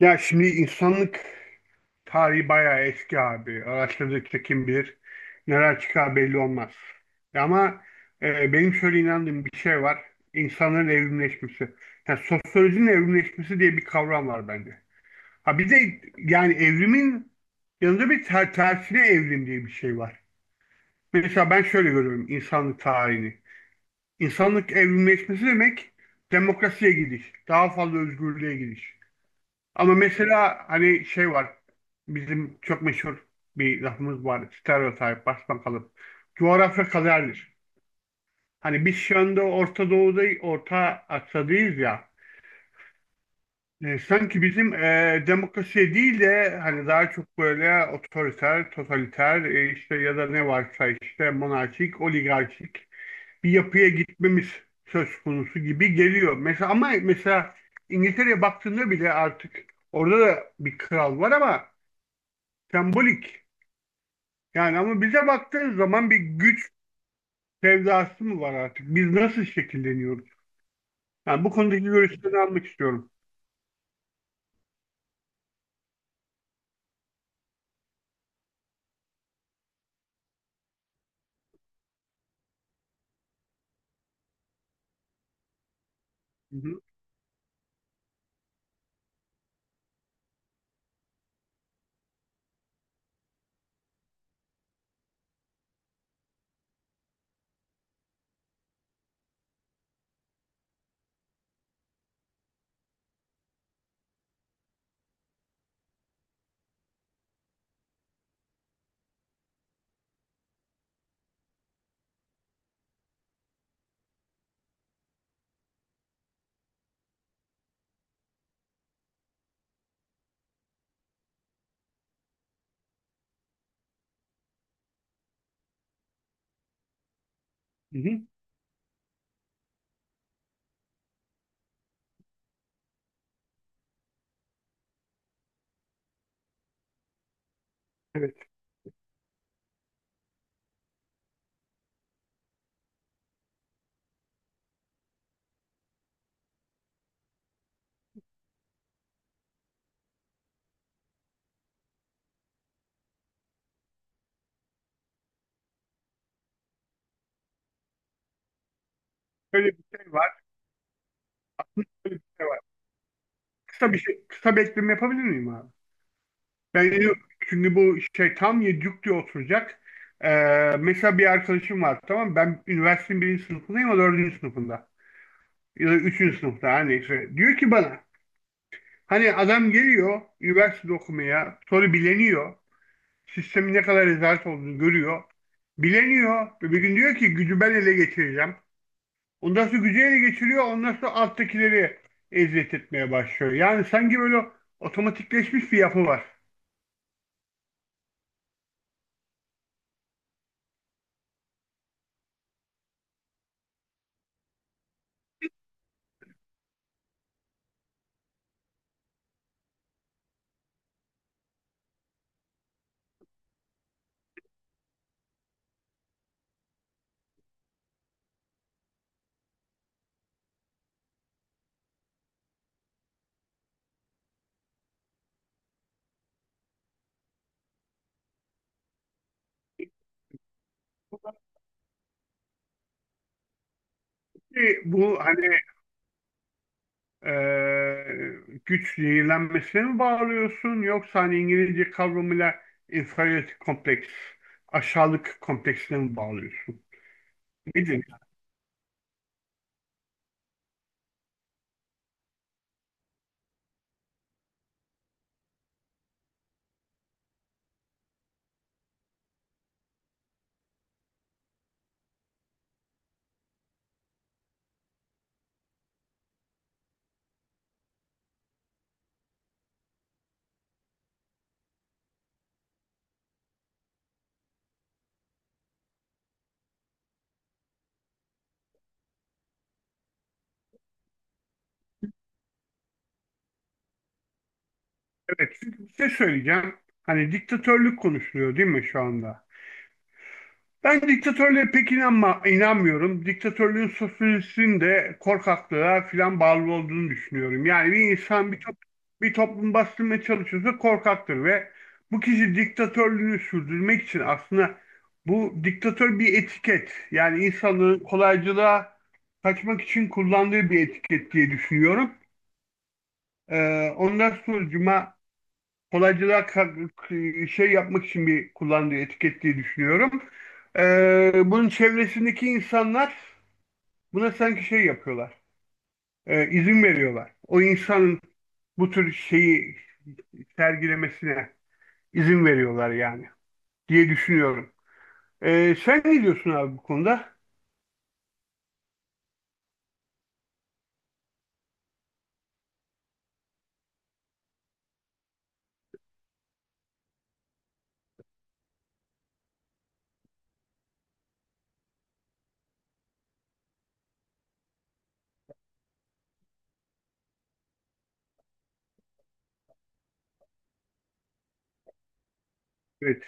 Ya şimdi insanlık tarihi bayağı eski abi. Araştırdıkça kim bilir neler çıkar belli olmaz. Ama benim şöyle inandığım bir şey var. İnsanların evrimleşmesi. Yani sosyolojinin evrimleşmesi diye bir kavram var bende. Ha bir de yani evrimin yanında bir tersine evrim diye bir şey var. Mesela ben şöyle görüyorum insanlık tarihini. İnsanlık evrimleşmesi demek demokrasiye gidiş, daha fazla özgürlüğe gidiş. Ama mesela hani şey var. Bizim çok meşhur bir lafımız var. Stereotip, basmakalıp. Coğrafya kaderdir. Hani biz şu anda Orta Doğu'da, Orta Asya'dayız ya. Sanki bizim demokrasi değil de hani daha çok böyle otoriter, totaliter işte ya da ne varsa işte monarşik, oligarşik bir yapıya gitmemiz söz konusu gibi geliyor. Mesela ama mesela İngiltere'ye baktığında bile artık orada da bir kral var ama sembolik. Yani ama bize baktığın zaman bir güç sevdası mı var artık? Biz nasıl şekilleniyoruz? Yani bu konudaki görüşlerini almak istiyorum. Hı hı. Hı hı. Evet. Öyle bir şey var. Öyle bir şey var. Kısa bir şey, kısa bir ekleme yapabilir miyim abi? Ben yine- Çünkü bu şey tam yedi diye oturacak. Mesela bir arkadaşım var, tamam mı? Ben üniversitenin birinci sınıfındayım, o dördüncü sınıfında. Ya da üçüncü sınıfta hani. Diyor ki bana, hani adam geliyor üniversite okumaya, sonra bileniyor, sistemin ne kadar rezalet olduğunu görüyor. Bileniyor ve bir gün diyor ki gücü ben ele geçireceğim. Ondan sonra gücü ele geçiriyor. Ondan sonra alttakileri eziyet etmeye başlıyor. Yani sanki böyle otomatikleşmiş bir yapı var. Ki bu hani güç zehirlenmesine mi bağlıyorsun, yoksa hani İngilizce kavramıyla inferiority kompleks, aşağılık kompleksine mi bağlıyorsun? Nedir? Evet, size söyleyeceğim. Hani diktatörlük konuşuluyor değil mi şu anda? Ben diktatörlüğe inanmıyorum. Diktatörlüğün sosyolojisinin de korkaklığa filan bağlı olduğunu düşünüyorum. Yani bir insan bir toplum bastırmaya çalışıyorsa korkaktır ve bu kişi diktatörlüğünü sürdürmek için aslında bu diktatör bir etiket. Yani insanların kolaycılığa kaçmak için kullandığı bir etiket diye düşünüyorum. Ondan sonucuma kolaycılığa ka- şey yapmak için bir kullandığı etiket diye düşünüyorum. Bunun çevresindeki insanlar buna sanki şey yapıyorlar, izin veriyorlar. O insanın bu tür şeyi sergilemesine izin veriyorlar yani, diye düşünüyorum. Sen ne diyorsun abi bu konuda? Evet,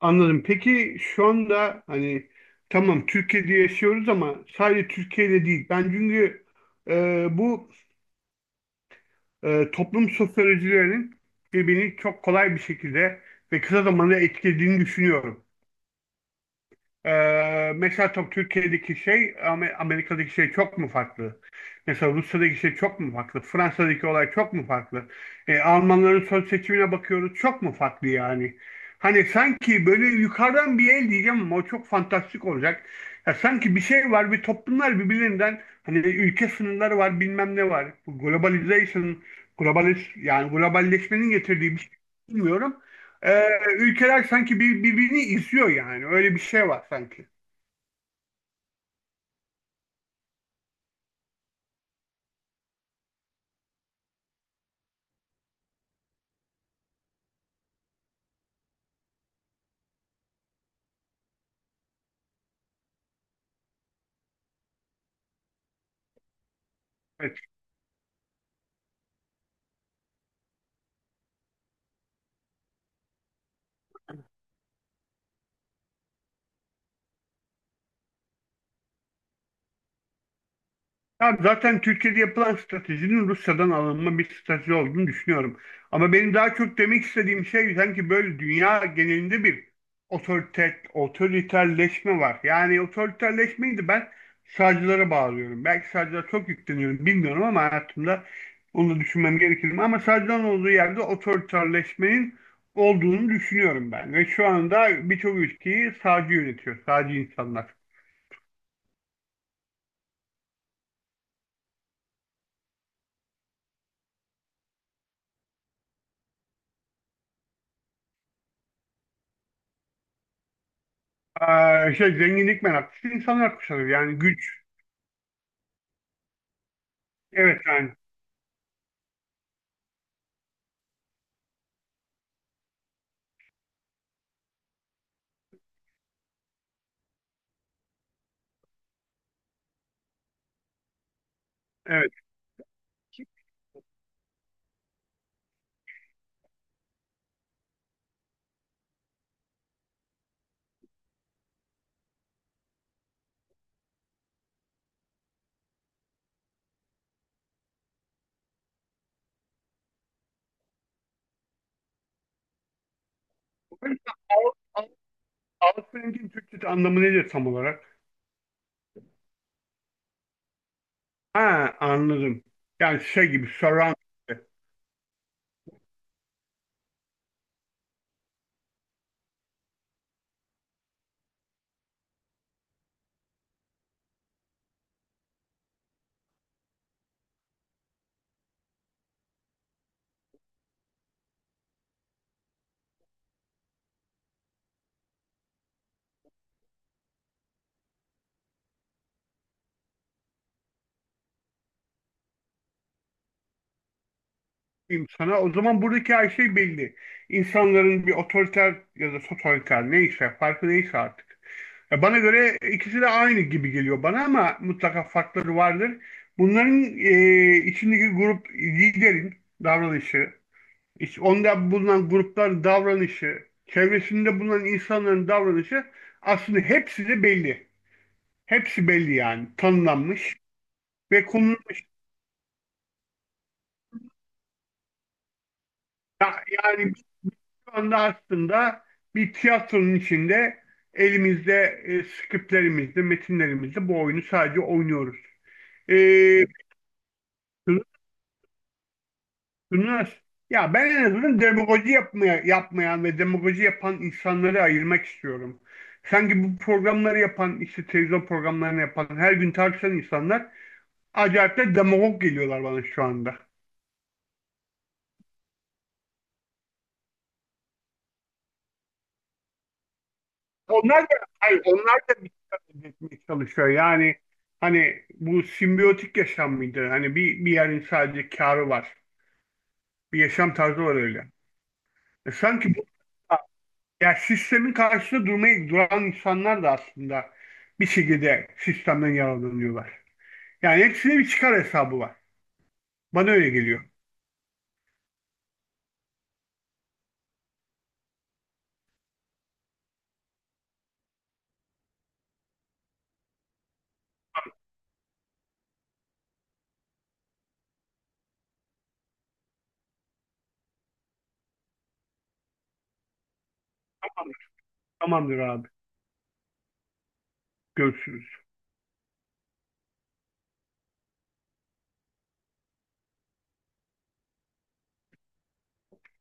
anladım. Peki şu anda hani tamam Türkiye'de yaşıyoruz ama sadece Türkiye'de değil. Ben çünkü bu toplum sosyolojilerinin birbirini çok kolay bir şekilde ve kısa zamanda etkilediğini düşünüyorum. Mesela tabii Türkiye'deki şey Amerika'daki şey çok mu farklı? Mesela Rusya'daki şey çok mu farklı? Fransa'daki olay çok mu farklı? Almanların son seçimine bakıyoruz, çok mu farklı yani? Hani sanki böyle yukarıdan bir el diyeceğim ama o çok fantastik olacak. Ya sanki bir şey var ve toplumlar birbirinden hani ülke sınırları var bilmem ne var. Bu globalization, globalist yani globalleşmenin getirdiği bir şey bilmiyorum, e, ülkeler sanki birbirini izliyor yani. Öyle bir şey var sanki. Evet. Ya zaten Türkiye'de yapılan stratejinin Rusya'dan alınma bir strateji olduğunu düşünüyorum. Ama benim daha çok demek istediğim şey sanki böyle dünya genelinde bir otoriterleşme var. Yani otoriterleşmeyi de ben sağcılara bağlıyorum. Belki sağcılara çok yükleniyorum bilmiyorum ama hayatımda onu düşünmem gerekir mi? Ama sağcıların olduğu yerde otoriterleşmenin olduğunu düşünüyorum ben. Ve şu anda birçok ülkeyi sağcı yönetiyor, sağcı insanlar. Şey, zenginlik meraklısı insanlar kuşanıyor. Yani güç. Evet yani. Evet. Şimdi bu mesela Al- Al- Alt rengin Türkçe anlamı nedir tam olarak? Ha, anladım. Yani şey gibi surround diyeyim sana. O zaman buradaki her şey belli. İnsanların bir otoriter ya da totaliter neyse farkı neyse artık. Ya bana göre ikisi de aynı gibi geliyor bana ama mutlaka farkları vardır. Bunların içindeki grup liderin davranışı, İşte onda bulunan grupların davranışı, çevresinde bulunan insanların davranışı aslında hepsi de belli. Hepsi belli yani, tanımlanmış ve konulmuş. Yani biz şu anda aslında bir tiyatronun içinde elimizde skriplerimizde, metinlerimizde bu oyunu sadece oynuyoruz. E, bunlar, ya ben en azından demagoji yapmayan ve demagoji yapan insanları ayırmak istiyorum. Sanki bu programları yapan, işte televizyon programlarını yapan, her gün tartışan insanlar acayip de demagog geliyorlar bana şu anda. Onlar da, hayır, onlar da bir şey etmeye çalışıyor. Yani hani bu simbiyotik yaşam mıydı? Hani bir yerin sadece karı var. Bir yaşam tarzı var öyle. E sanki bu Ya sistemin karşısında duran insanlar da aslında bir şekilde sistemden yararlanıyorlar. Yani hepsine bir çıkar hesabı var. Bana öyle geliyor. Tamamdır, tamamdır abi. Görüşürüz.